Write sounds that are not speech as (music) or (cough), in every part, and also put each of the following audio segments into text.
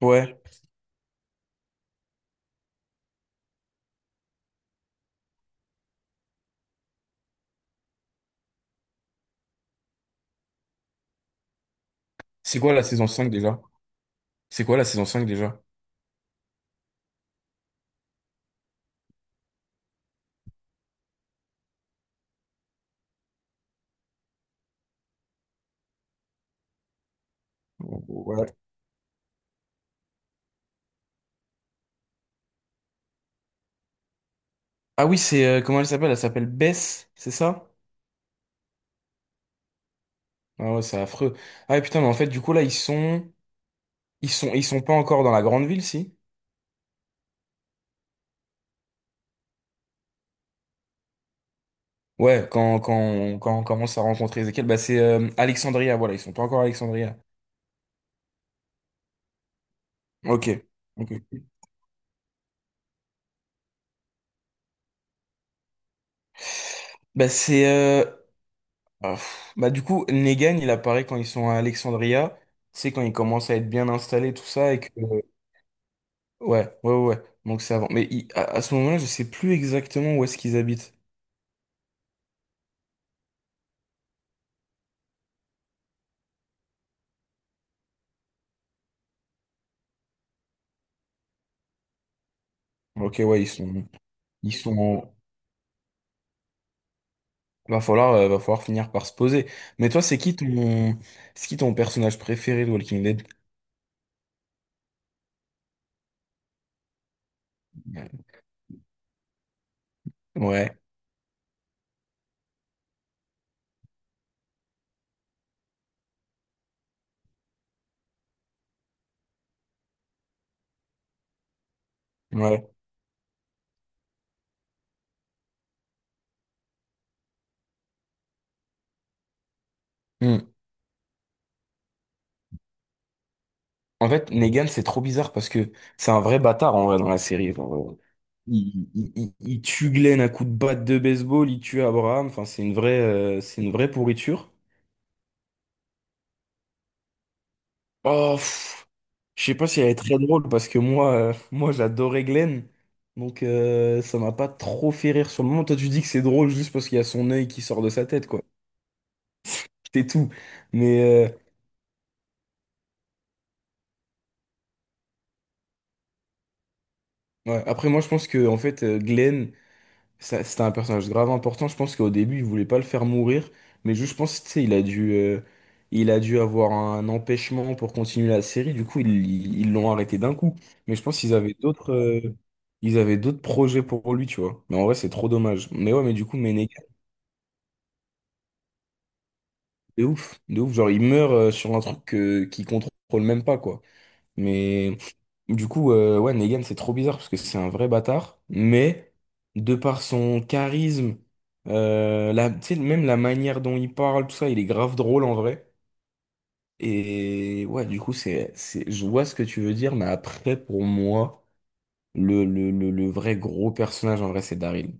Ouais. C'est quoi la saison 5 déjà? C'est quoi la saison 5 déjà? Ouais. Ah oui, c'est comment elle s'appelle? Elle s'appelle Bess, c'est ça? Ah ouais, c'est affreux. Ah ouais, putain, mais en fait, du coup là, ils sont pas encore dans la grande ville, si? Ouais, quand on, quand on commence à rencontrer Ezekiel, bah c'est Alexandria, voilà, ils sont pas encore à Alexandria. OK. OK. Bah c'est euh, bah du coup Negan, il apparaît quand ils sont à Alexandria, c'est quand ils commencent à être bien installés tout ça et que Ouais. Donc c'est avant. Mais à ce moment-là, je sais plus exactement où est-ce qu'ils habitent. Ok, ouais, ils sont. en- va falloir finir par se poser. Mais toi, c'est qui ton personnage préféré de Walking Dead? Ouais, ouais. Hmm. En fait, Negan, c'est trop bizarre parce que c'est un vrai bâtard en vrai dans la série. Il tue Glenn à coups de batte de baseball, il tue Abraham. Enfin, c'est une vraie pourriture. Oh, pff, je sais pas si elle est très drôle parce que (laughs) moi j'adorais Glenn. Ça m'a pas trop fait rire sur le moment. Toi tu dis que c'est drôle juste parce qu'il y a son œil qui sort de sa tête, quoi. C'est tout. Mais euh, ouais. Après moi je pense que en fait Glenn. C'était un personnage grave important. Je pense qu'au début, il voulait pas le faire mourir. Mais juste, je pense, tu sais, il a dû avoir un empêchement pour continuer la série. Du coup, ils l'ont arrêté d'un coup. Mais je pense qu'ils avaient ils avaient d'autres projets pour lui, tu vois. Mais en vrai, c'est trop dommage. Mais ouais, mais du coup, Menegas, de ouf, de ouf. Genre, il meurt, sur un truc, qu'il contrôle même pas, quoi. Mais du coup, ouais, Negan, c'est trop bizarre parce que c'est un vrai bâtard. Mais de par son charisme, tu sais, même la manière dont il parle, tout ça, il est grave drôle en vrai. Et ouais, du coup, je vois ce que tu veux dire, mais après, pour moi, le vrai gros personnage en vrai, c'est Daryl.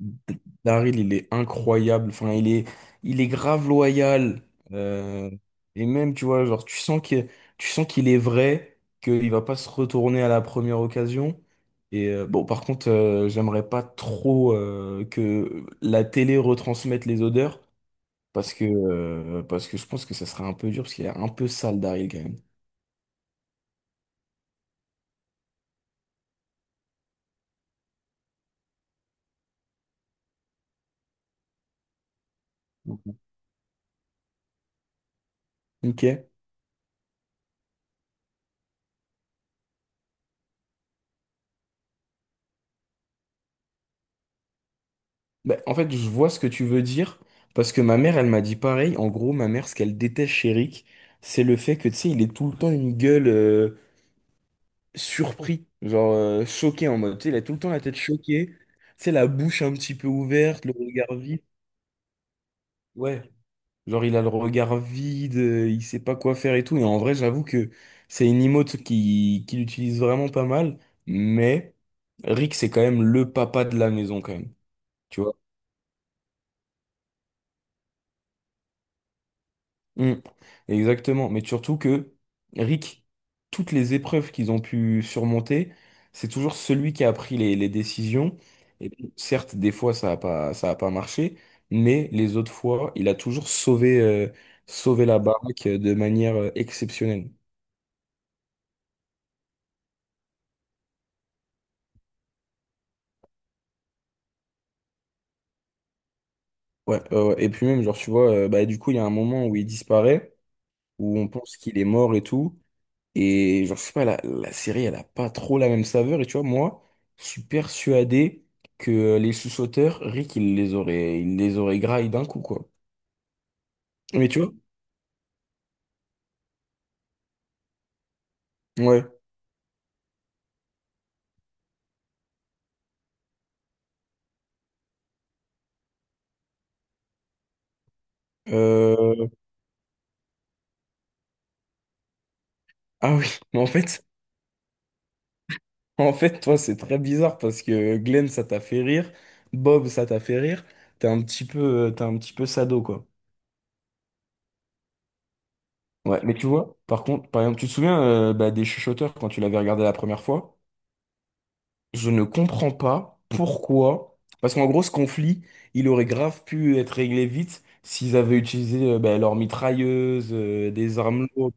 Daryl, il est incroyable. Enfin, il est grave loyal. Euh, et même, tu vois, tu sens qu'il est vrai, qu'il va pas se retourner à la première occasion. Et bon, par contre, j'aimerais pas trop que la télé retransmette les odeurs, parce que je pense que ça serait un peu dur, parce qu'il est un peu sale, Daryl, quand même. Ok. Bah, en fait, je vois ce que tu veux dire, parce que ma mère, elle m'a dit pareil. En gros, ma mère, ce qu'elle déteste chez Rick, c'est le fait que, tu sais, il est tout le temps une gueule surpris, choqué en mode, tu sais, il a tout le temps la tête choquée, tu sais, la bouche un petit peu ouverte, le regard vide. Ouais, genre il a le regard vide, il sait pas quoi faire et tout. Et en vrai, j'avoue que c'est une emote qui l'utilise vraiment pas mal, mais Rick, c'est quand même le papa de la maison, quand même. Tu vois. Mm. Exactement. Mais surtout que Rick, toutes les épreuves qu'ils ont pu surmonter, c'est toujours celui qui a pris les décisions. Et certes, des fois, ça a pas marché, mais les autres fois, il a toujours sauvé la baraque de manière exceptionnelle. Ouais. Et puis même, genre, tu vois, bah, du coup, il y a un moment où il disparaît, où on pense qu'il est mort et tout. Et genre, je sais pas, la série, elle a pas trop la même saveur. Et tu vois, moi, je suis persuadé que les sous-sauteurs, Rick, il les aurait graillés d'un coup, quoi. Mais tu vois, ouais. Euh, ah oui, (laughs) mais en fait, (laughs) en fait, toi, c'est très bizarre parce que Glenn, ça t'a fait rire. Bob, ça t'a fait rire. T'es un petit peu, t'es un petit peu sado, quoi. Ouais, mais tu vois, par contre, par exemple, tu te souviens bah, des chuchoteurs quand tu l'avais regardé la première fois? Je ne comprends pas pourquoi. Parce qu'en gros, ce conflit, il aurait grave pu être réglé vite s'ils avaient utilisé bah, leurs mitrailleuses, des armes lourdes.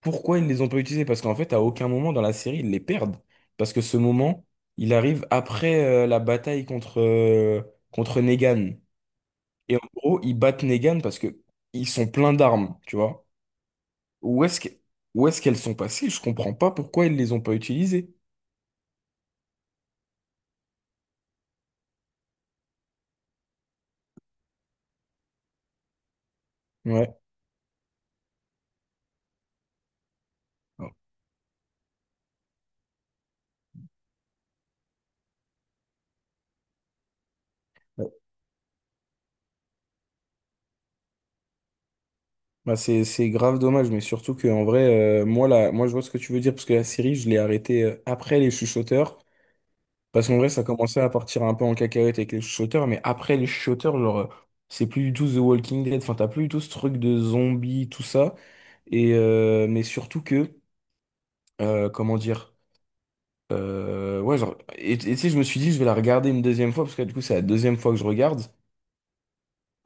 Pourquoi ils ne les ont pas utilisées? Parce qu'en fait, à aucun moment dans la série, ils les perdent. Parce que ce moment, il arrive après la bataille contre, contre Negan. Et en gros, ils battent Negan parce que ils sont pleins d'armes, tu vois. Où est-ce que- où est-ce qu'elles sont passées? Je comprends pas pourquoi ils les ont pas utilisées. Ouais. Bah c'est grave dommage, mais surtout que en vrai, moi là, moi je vois ce que tu veux dire parce que la série, je l'ai arrêtée après les chuchoteurs, parce qu'en vrai, ça commençait à partir un peu en cacahuète avec les chuchoteurs, mais après les chuchoteurs, c'est plus du tout The Walking Dead, enfin t'as plus du tout ce truc de zombies, tout ça, et mais surtout que, comment dire, ouais genre, et tu sais, je me suis dit, je vais la regarder une deuxième fois parce que du coup, c'est la deuxième fois que je regarde,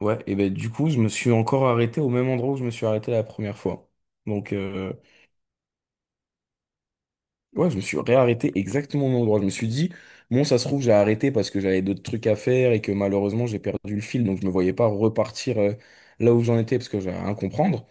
ouais, et ben du coup, je me suis encore arrêté au même endroit où je me suis arrêté la première fois, donc. Ouais, je me suis réarrêté exactement au même endroit. Je me suis dit, bon, ça se trouve, j'ai arrêté parce que j'avais d'autres trucs à faire et que malheureusement, j'ai perdu le fil. Donc, je me voyais pas repartir là où j'en étais parce que j'avais rien à comprendre.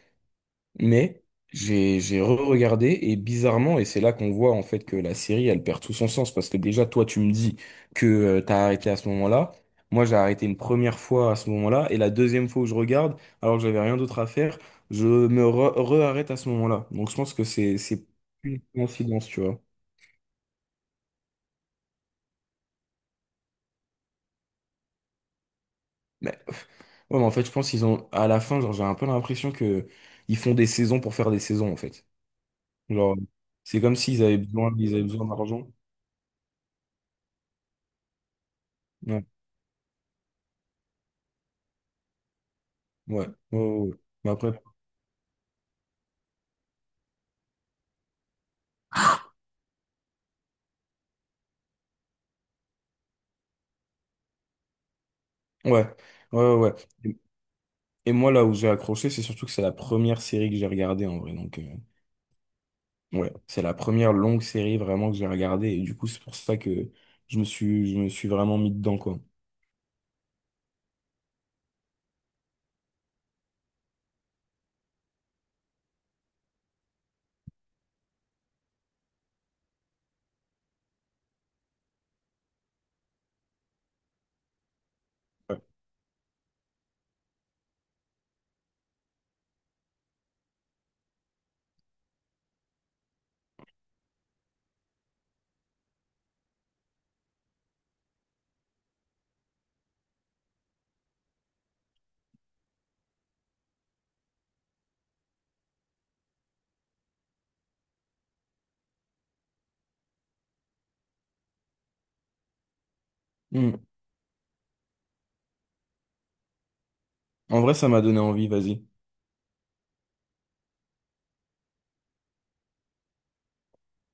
Mais j'ai re-regardé et bizarrement, et c'est là qu'on voit en fait que la série, elle perd tout son sens parce que déjà, toi, tu me dis que tu t'as arrêté à ce moment-là. Moi, j'ai arrêté une première fois à ce moment-là et la deuxième fois où je regarde, alors que j'avais rien d'autre à faire, re-arrête à ce moment-là. Donc, je pense que c'est une coïncidence, tu vois. Ouais, mais en fait, je pense qu'ils ont, à la fin, genre, j'ai un peu l'impression que ils font des saisons pour faire des saisons, en fait. Genre, c'est comme s'ils avaient besoin, ils avaient besoin d'argent. Ouais, ouais. Mais après, ouais, ouais, ouais. ouais. Et moi, là où j'ai accroché, c'est surtout que c'est la première série que j'ai regardée, en vrai. Donc, ouais, c'est la première longue série vraiment que j'ai regardée. Et du coup, c'est pour ça que je me suis vraiment mis dedans, quoi. Ouais. Hmm. En vrai, ça m'a donné envie, vas-y.